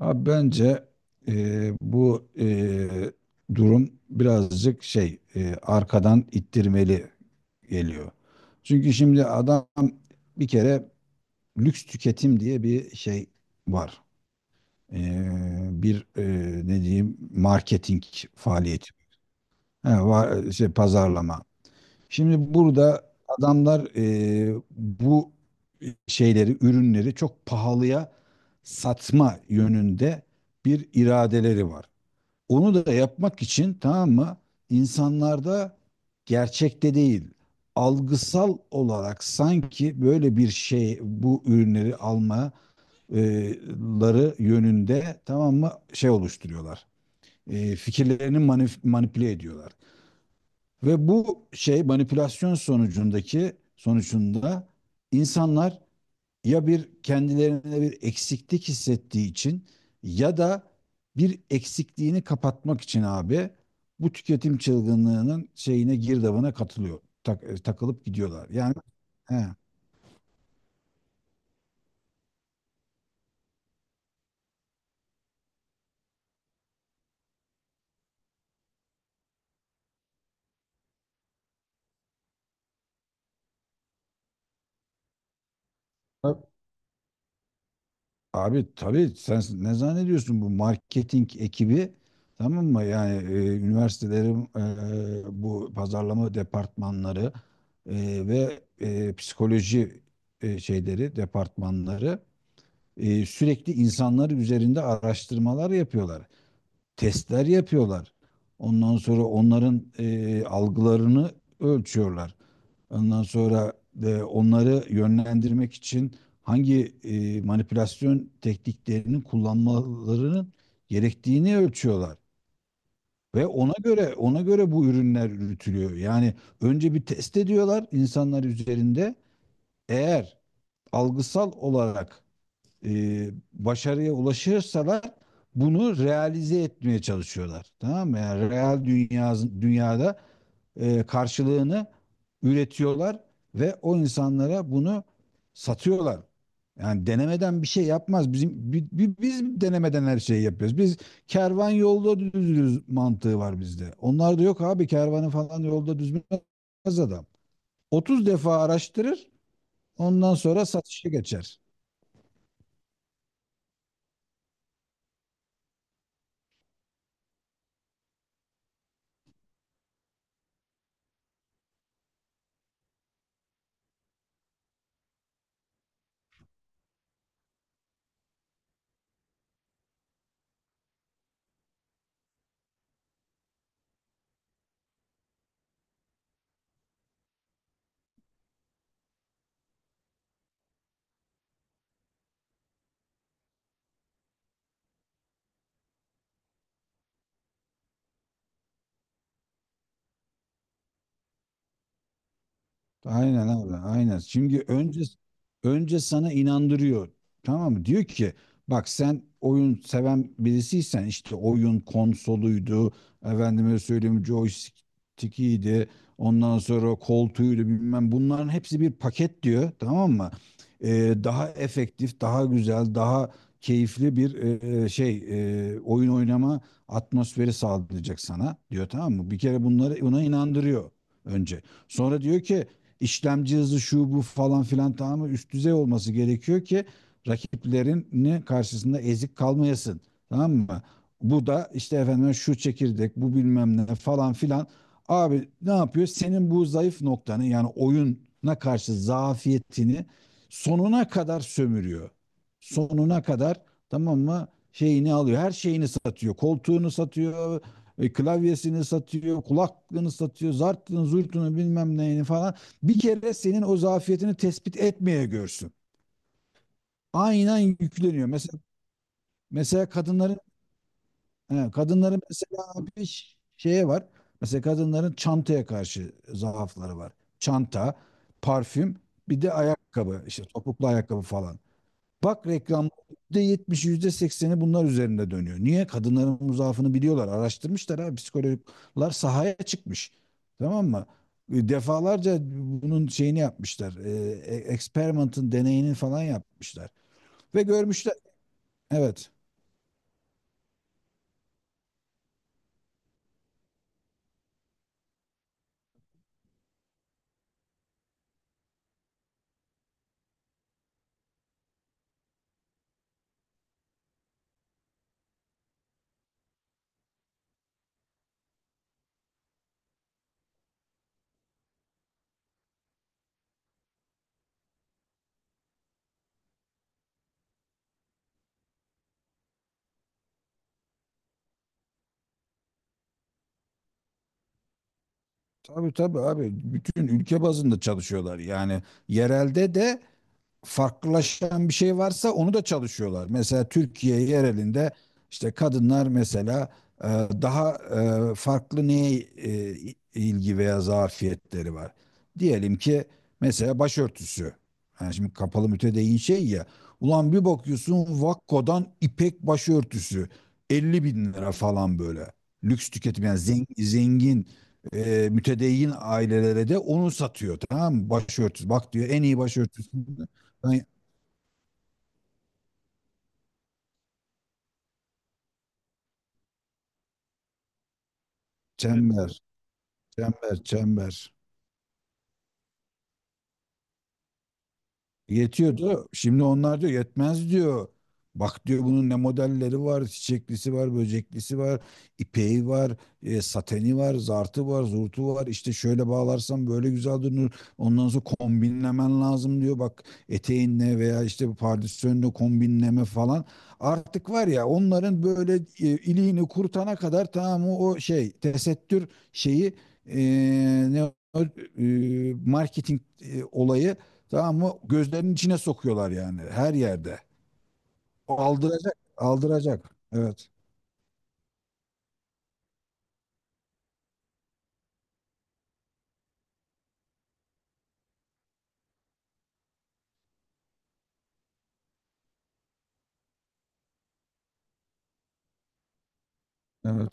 Abi bence e, bu e, durum birazcık şey arkadan ittirmeli geliyor. Çünkü şimdi adam bir kere lüks tüketim diye bir şey var. E, bir ne diyeyim marketing faaliyeti. He, var, şey, pazarlama. Şimdi burada adamlar bu şeyleri, ürünleri çok pahalıya satma yönünde bir iradeleri var. Onu da yapmak için, tamam mı? İnsanlarda gerçekte değil, algısal olarak sanki böyle bir şey, bu ürünleri almaları yönünde, tamam mı, şey oluşturuyorlar. Fikirlerini manipüle ediyorlar. Ve bu şey manipülasyon sonucunda insanlar ya bir kendilerine bir eksiklik hissettiği için ya da bir eksikliğini kapatmak için abi bu tüketim çılgınlığının girdabına katılıyor. Takılıp gidiyorlar. Yani he. Abi tabii sen ne zannediyorsun bu marketing ekibi, tamam mı? Yani üniversitelerin bu pazarlama departmanları ve psikoloji şeyleri departmanları sürekli insanlar üzerinde araştırmalar yapıyorlar. Testler yapıyorlar. Ondan sonra onların algılarını ölçüyorlar. Ondan sonra onları yönlendirmek için hangi manipülasyon tekniklerinin kullanmalarının gerektiğini ölçüyorlar. Ve ona göre bu ürünler üretiliyor. Yani önce bir test ediyorlar insanlar üzerinde. Eğer algısal olarak başarıya ulaşırsalar bunu realize etmeye çalışıyorlar. Tamam mı? Yani dünyada karşılığını üretiyorlar ve o insanlara bunu satıyorlar. Yani denemeden bir şey yapmaz. Biz denemeden her şeyi yapıyoruz. Biz kervan yolda düzülür mantığı var bizde. Onlarda yok abi, kervanı falan yolda düzmez adam. 30 defa araştırır, ondan sonra satışa geçer. Aynen abi, aynen. Şimdi önce sana inandırıyor. Tamam mı? Diyor ki bak, sen oyun seven birisiysen işte oyun konsoluydu, efendime söyleyeyim joystick'iydi, ondan sonra koltuğuydu bilmem, bunların hepsi bir paket diyor. Tamam mı? Daha efektif, daha güzel, daha keyifli bir şey, oyun oynama atmosferi sağlayacak sana diyor, tamam mı? Bir kere bunları ona inandırıyor önce. Sonra diyor ki işlemci hızı şu bu falan filan tamamı üst düzey olması gerekiyor ki rakiplerini karşısında ezik kalmayasın. Tamam mı? Bu da işte efendim şu çekirdek, bu bilmem ne falan filan. Abi ne yapıyor? Senin bu zayıf noktanı yani oyuna karşı zafiyetini sonuna kadar sömürüyor. Sonuna kadar, tamam mı? Şeyini alıyor. Her şeyini satıyor. Koltuğunu satıyor, klavyesini satıyor, kulaklığını satıyor, zartını, zurtunu bilmem neyini falan, bir kere senin o zafiyetini tespit etmeye görsün. Aynen yükleniyor. Mesela mesela kadınların he, kadınların mesela bir şeye var. Mesela kadınların çantaya karşı zaafları var. Çanta, parfüm, bir de ayakkabı, işte topuklu ayakkabı falan. Bak, reklam %70, yüzde sekseni bunlar üzerinde dönüyor. Niye? Kadınların zaafını biliyorlar. Araştırmışlar abi. Psikologlar sahaya çıkmış. Tamam mı? Defalarca bunun şeyini yapmışlar. Experiment'ın deneyini falan yapmışlar. Ve görmüşler. Evet. Tabii tabii abi. Bütün ülke bazında çalışıyorlar. Yani yerelde de farklılaşan bir şey varsa onu da çalışıyorlar. Mesela Türkiye yerelinde işte kadınlar mesela e, daha farklı neye ilgi veya zafiyetleri var. Diyelim ki mesela başörtüsü. Yani şimdi kapalı mütedeyyin şey ya. Ulan bir bakıyorsun Vakko'dan ipek başörtüsü 50 bin lira falan böyle. Lüks tüketim, yani zengin mütedeyyin ailelere de onu satıyor, tamam mı? Başörtüsü. Bak, diyor, en iyi başörtüsü. Ay, çember, çember, çember. Yetiyordu. Şimdi onlar diyor yetmez diyor. Bak diyor bunun ne modelleri var, çiçeklisi var, böceklisi var, ipeği var, sateni var, zartı var, zurtu var. İşte şöyle bağlarsan böyle güzel durur. Ondan sonra kombinlemen lazım diyor. Bak, eteğinle veya işte pardösünle kombinleme falan. Artık var ya onların böyle iliğini kurtana kadar, tamam, o şey tesettür şeyi, e, ne o, marketing olayı. Tamam mı? Gözlerinin içine sokuyorlar yani, her yerde. O aldıracak, aldıracak. Evet, evet,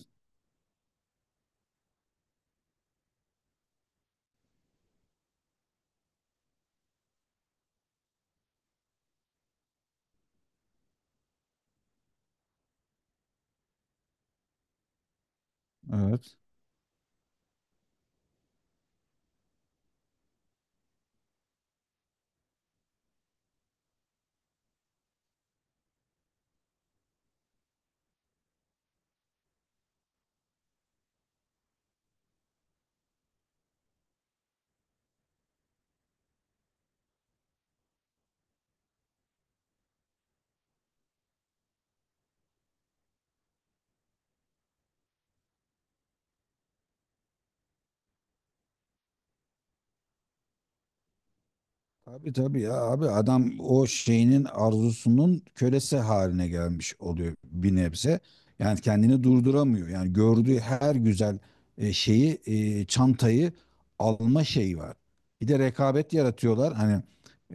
evet. Tabii tabii ya abi, adam o şeyinin arzusunun kölesi haline gelmiş oluyor bir nebze. Yani kendini durduramıyor. Yani gördüğü her güzel şeyi, çantayı alma şeyi var. Bir de rekabet yaratıyorlar. Hani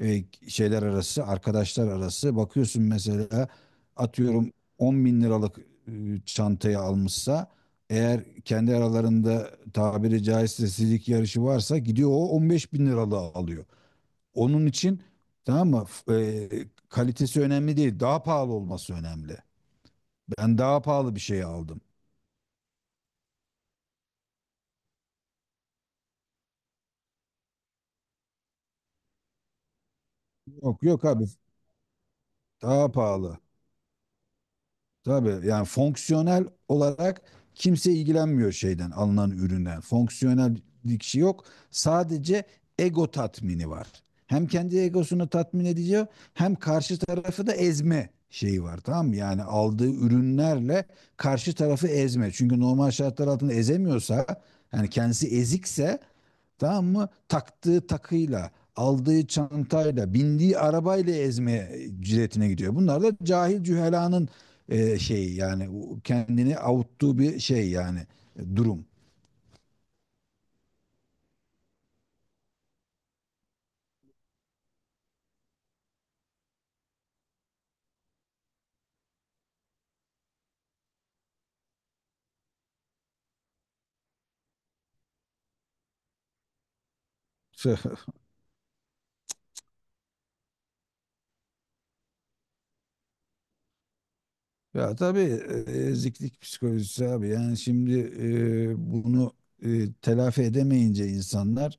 şeyler arası, arkadaşlar arası. Bakıyorsun mesela atıyorum 10 bin liralık e, çantayı almışsa eğer, kendi aralarında tabiri caizse sizlik yarışı varsa, gidiyor o 15 bin liralığı alıyor. Onun için, tamam mı? Kalitesi önemli değil. Daha pahalı olması önemli. Ben daha pahalı bir şey aldım. Yok yok abi, daha pahalı. Tabii yani fonksiyonel olarak kimse ilgilenmiyor şeyden, alınan üründen. Fonksiyonel bir şey yok. Sadece ego tatmini var. Hem kendi egosunu tatmin ediyor hem karşı tarafı da ezme şeyi var, tamam mı? Yani aldığı ürünlerle karşı tarafı ezme. Çünkü normal şartlar altında ezemiyorsa, yani kendisi ezikse, tamam mı, taktığı takıyla, aldığı çantayla, bindiği arabayla ezmeye ciletine gidiyor. Bunlar da cahil cühelanın şey yani, kendini avuttuğu bir şey yani, durum. Ya tabii eziklik psikolojisi abi. Yani şimdi bunu telafi edemeyince insanlar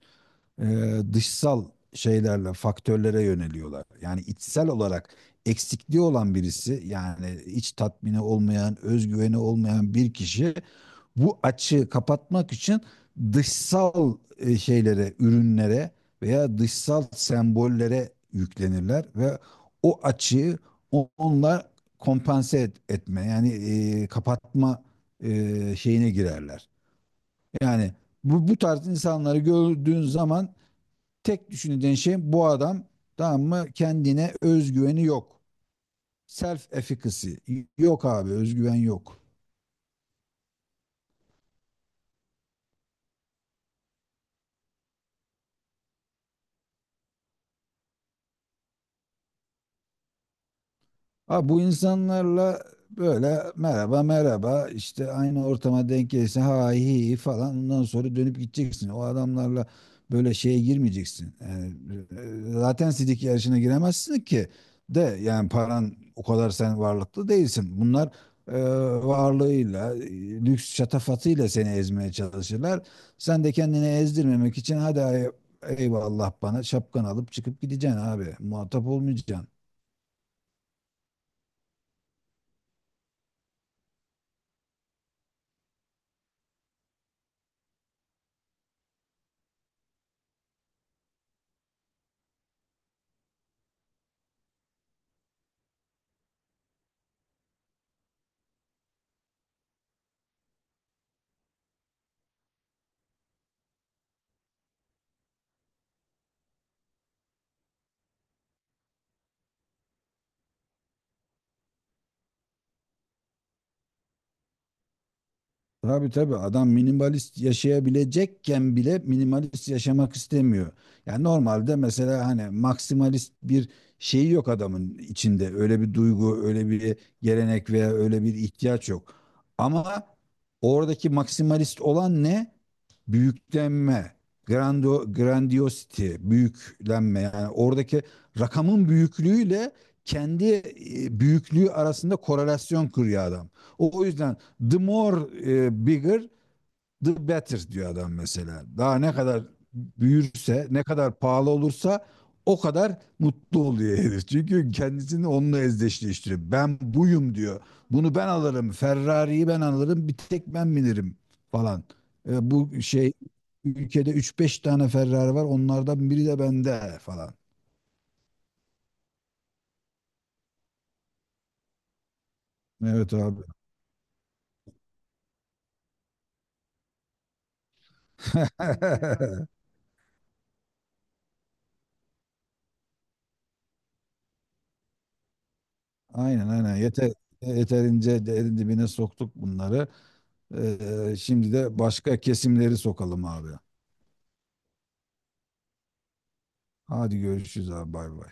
e, dışsal şeylerle, faktörlere yöneliyorlar. Yani içsel olarak eksikliği olan birisi, yani iç tatmini olmayan, özgüveni olmayan bir kişi bu açığı kapatmak için dışsal şeylere, ürünlere veya dışsal sembollere yüklenirler ve o açığı onlar kompanse etme, yani kapatma şeyine girerler. Yani bu tarz insanları gördüğün zaman tek düşündüğün şey, bu adam, tamam mı, kendine özgüveni yok. Self efficacy yok abi, özgüven yok. Ha, bu insanlarla böyle merhaba merhaba işte aynı ortama denk gelirse, ha hi hi falan, ondan sonra dönüp gideceksin. O adamlarla böyle şeye girmeyeceksin. Yani, zaten sidik yarışına giremezsin ki, de yani paran o kadar, sen varlıklı değilsin. Bunlar e, varlığıyla, lüks şatafatıyla seni ezmeye çalışırlar. Sen de kendini ezdirmemek için eyvallah bana, şapkan alıp çıkıp gideceksin abi. Muhatap olmayacaksın. Tabii tabii adam minimalist yaşayabilecekken bile minimalist yaşamak istemiyor. Yani normalde mesela hani maksimalist bir şeyi yok adamın içinde. Öyle bir duygu, öyle bir gelenek veya öyle bir ihtiyaç yok. Ama oradaki maksimalist olan ne? Büyüklenme, grando, grandiosity, büyüklenme, yani oradaki rakamın büyüklüğüyle kendi büyüklüğü arasında korelasyon kuruyor adam. O yüzden the more bigger the better diyor adam mesela. Daha ne kadar büyürse, ne kadar pahalı olursa o kadar mutlu oluyor herif. Çünkü kendisini onunla özdeşleştiriyor. Ben buyum diyor. Bunu ben alırım. Ferrari'yi ben alırım. Bir tek ben bilirim falan. Bu şey, ülkede üç beş tane Ferrari var. Onlardan biri de bende falan. Evet abi. Aynen, aynen. Yeterince derin dibine soktuk bunları. Şimdi de başka kesimleri sokalım abi. Hadi görüşürüz abi, bay bay.